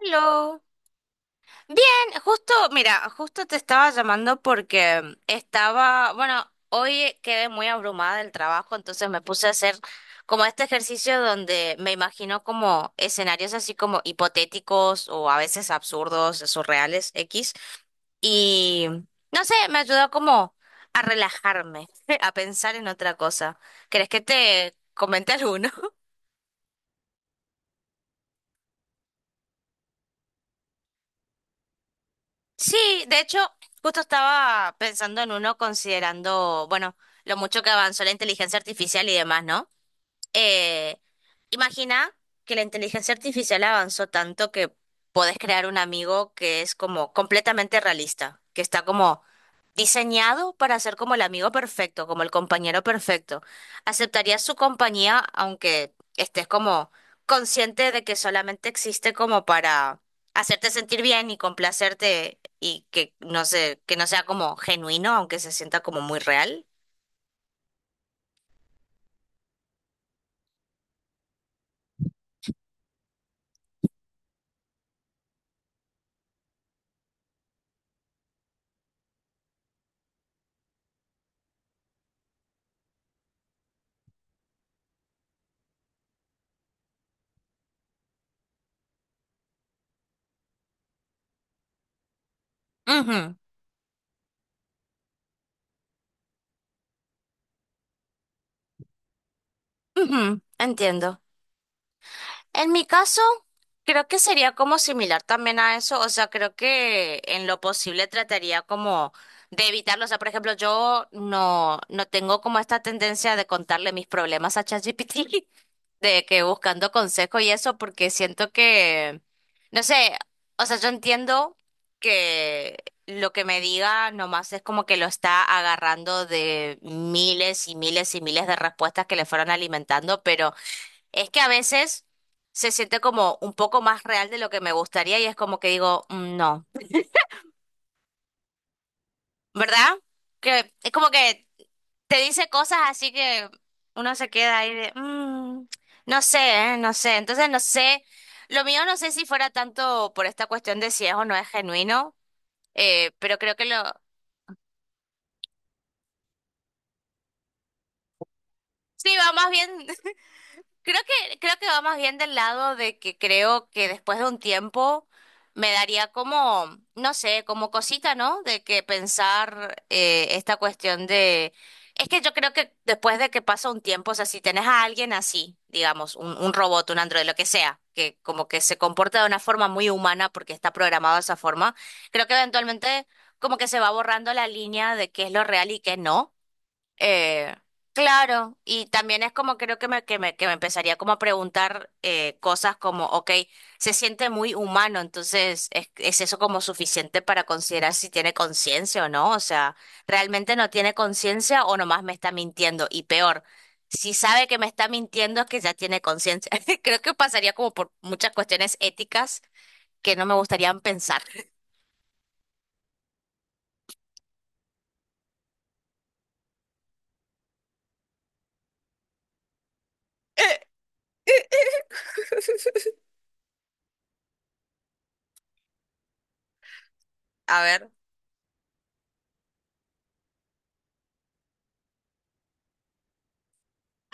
Hello. Bien, justo, mira, justo te estaba llamando porque estaba, bueno, hoy quedé muy abrumada del trabajo, entonces me puse a hacer como este ejercicio donde me imagino como escenarios así como hipotéticos o a veces absurdos, surreales, X, y no sé, me ayudó como a relajarme, a pensar en otra cosa. ¿Crees que te comente alguno? Sí, de hecho, justo estaba pensando en uno considerando, bueno, lo mucho que avanzó la inteligencia artificial y demás, ¿no? Eh, Imagina que la inteligencia artificial avanzó tanto que podés crear un amigo que es como completamente realista, que está como diseñado para ser como el amigo perfecto, como el compañero perfecto. ¿Aceptarías su compañía aunque estés como consciente de que solamente existe como para hacerte sentir bien y complacerte y que no sé, que no sea como genuino, aunque se sienta como muy real? Ujú, ujú, entiendo. En mi caso, creo que sería como similar también a eso, o sea, creo que en lo posible trataría como de evitarlo, o sea, por ejemplo, yo no, no tengo como esta tendencia de contarle mis problemas a ChatGPT, de que buscando consejo y eso, porque siento que, no sé, o sea, yo entiendo que lo que me diga nomás es como que lo está agarrando de miles y miles y miles de respuestas que le fueron alimentando, pero... Es que a veces se siente como un poco más real de lo que me gustaría y es como que digo, "Mm, no, ¿verdad?". Que es como que te dice cosas así que uno se queda ahí de, "Mm, no sé, no sé". Entonces no sé, lo mío no sé si fuera tanto por esta cuestión de si es o no es genuino, pero creo que lo... Sí, va más bien. Creo creo que va más bien del lado de que creo que después de un tiempo me daría como, no sé, como cosita, ¿no? De que pensar esta cuestión de... Es que yo creo que después de que pasa un tiempo, o sea, si tenés a alguien así, digamos, un robot, un androide, lo que sea, que como que se comporta de una forma muy humana porque está programado de esa forma, creo que eventualmente como que se va borrando la línea de qué es lo real y qué no. Eh, claro, y también es como creo que me empezaría como a preguntar cosas como, ok, se siente muy humano, entonces es eso como suficiente para considerar si tiene conciencia o no? O sea, ¿realmente no tiene conciencia o nomás me está mintiendo? Y peor, si sabe que me está mintiendo es que ya tiene conciencia. Creo que pasaría como por muchas cuestiones éticas que no me gustaría pensar. A ver.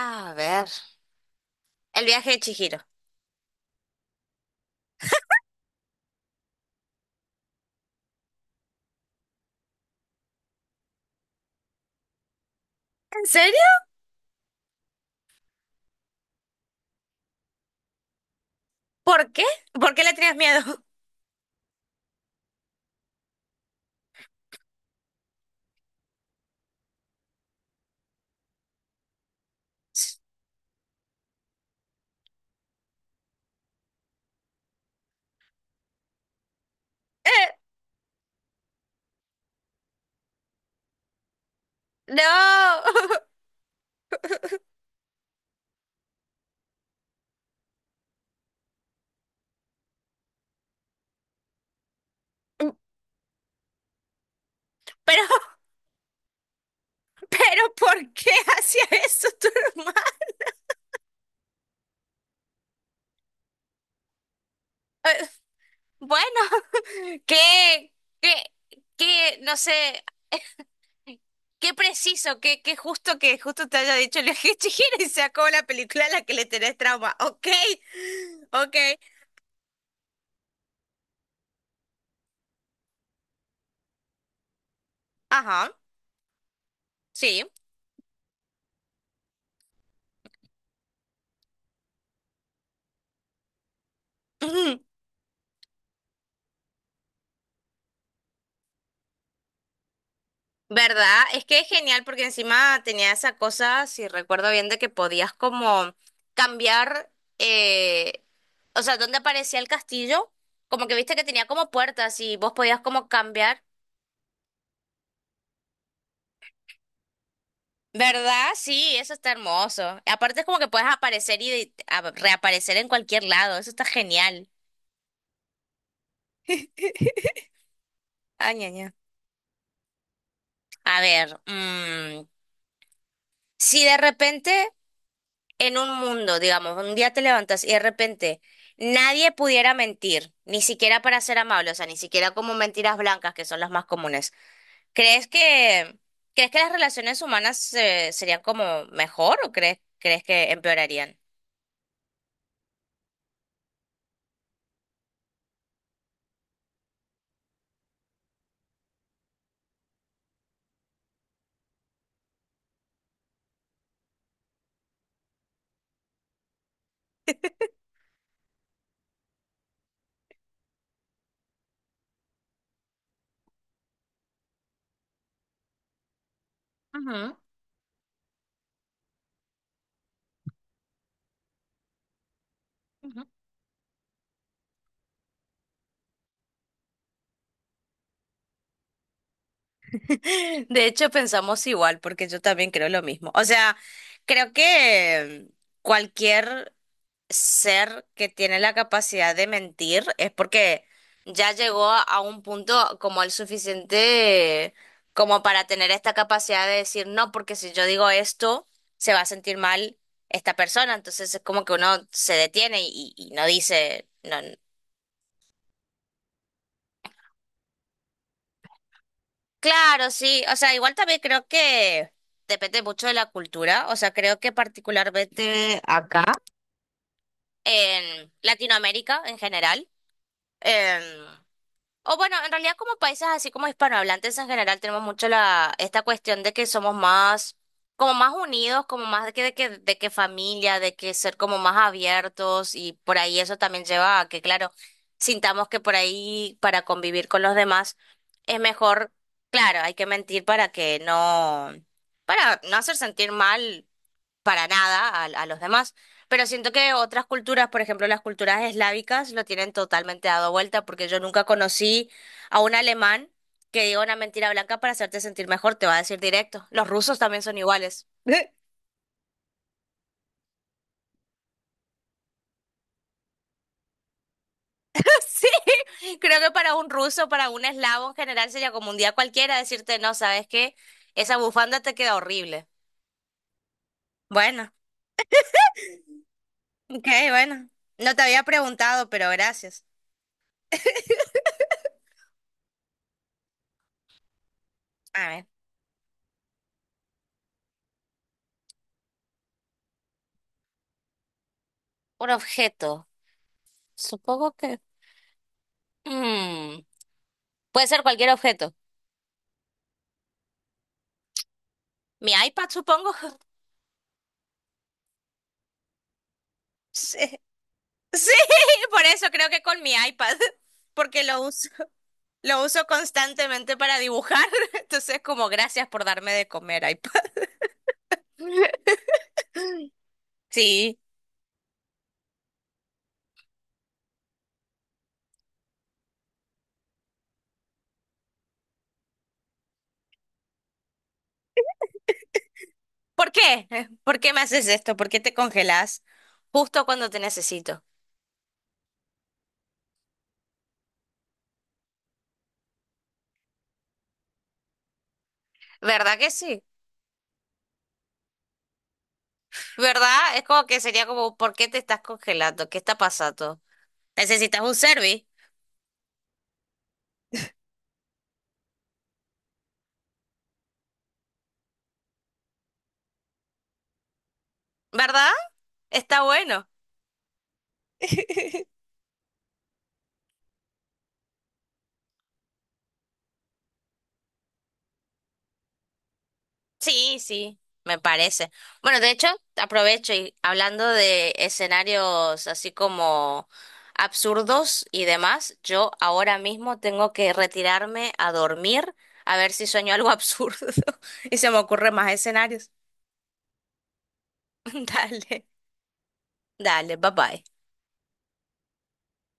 A ver. El viaje de Chihiro. ¿En serio? ¿Por qué? ¿Por qué le tenías miedo? Eh, no. Pero, pero, ¿por qué hacía eso tu hermano? Eh, Bueno, qué, qué, qué, no sé, qué preciso, qué justo que justo te haya dicho el viaje Chihiro y se acabó la película a la que le tenés trauma. Ok, ok, ajá, sí. ¿Verdad? Es que es genial porque encima tenía esa cosa, si recuerdo bien, de que podías como cambiar, eh, o sea, donde aparecía el castillo, como que viste que tenía como puertas y vos podías como cambiar. ¿Verdad? Sí, eso está hermoso. Aparte es como que puedes aparecer y de- a- reaparecer en cualquier lado, eso está genial. Ay, ña, ña. A ver, mm, si de repente en un mundo, digamos, un día te levantas y de repente nadie pudiera mentir, ni siquiera para ser amable, o sea, ni siquiera como mentiras blancas, que son las más comunes, ¿crees crees que las relaciones humanas serían como mejor o crees que empeorarían? Ujú, ujú. De hecho, pensamos igual, porque yo también creo lo mismo. O sea, creo que cualquier ser que tiene la capacidad de mentir es porque ya llegó a un punto como el suficiente como para tener esta capacidad de decir no, porque si yo digo esto, se va a sentir mal esta persona. Entonces es como que uno se detiene y no dice, no. Claro, sí. O sea, igual también creo que depende mucho de la cultura. O sea, creo que particularmente acá, en Latinoamérica en general. Em, o bueno, en realidad como países así como hispanohablantes en general tenemos mucho la, esta cuestión de que somos más, como más unidos, como más de que familia, de que ser como más abiertos y por ahí eso también lleva a que, claro, sintamos que por ahí para convivir con los demás es mejor, claro, hay que mentir para que no, para no hacer sentir mal para nada a los demás. Pero siento que otras culturas, por ejemplo, las culturas eslávicas, lo tienen totalmente dado vuelta, porque yo nunca conocí a un alemán que diga una mentira blanca para hacerte sentir mejor, te va a decir directo. Los rusos también son iguales. Sí, creo que para un ruso, para un eslavo en general sería como un día cualquiera decirte, no, ¿sabes qué? Esa bufanda te queda horrible. Bueno, ok, bueno. No te había preguntado, pero gracias. A ver, un objeto. Supongo que... Mm. Puede ser cualquier objeto. Mi iPad, supongo. Sí, sí, por eso creo que con mi iPad, porque lo uso constantemente para dibujar. Entonces, como gracias por darme de comer, iPad. Sí. ¿Por qué? ¿Por qué me haces esto? ¿Por qué te congelas justo cuando te necesito? ¿Verdad que sí? ¿Verdad? Es como que sería como, ¿por qué te estás congelando? ¿Qué está pasando? ¿Necesitas un service? ¿Verdad? Está bueno. Sí, sí, me parece. Bueno, de hecho, aprovecho y hablando de escenarios así como absurdos y demás, yo ahora mismo tengo que retirarme a dormir a ver si sueño algo absurdo y se me ocurren más escenarios. Dale, dale, bye bye.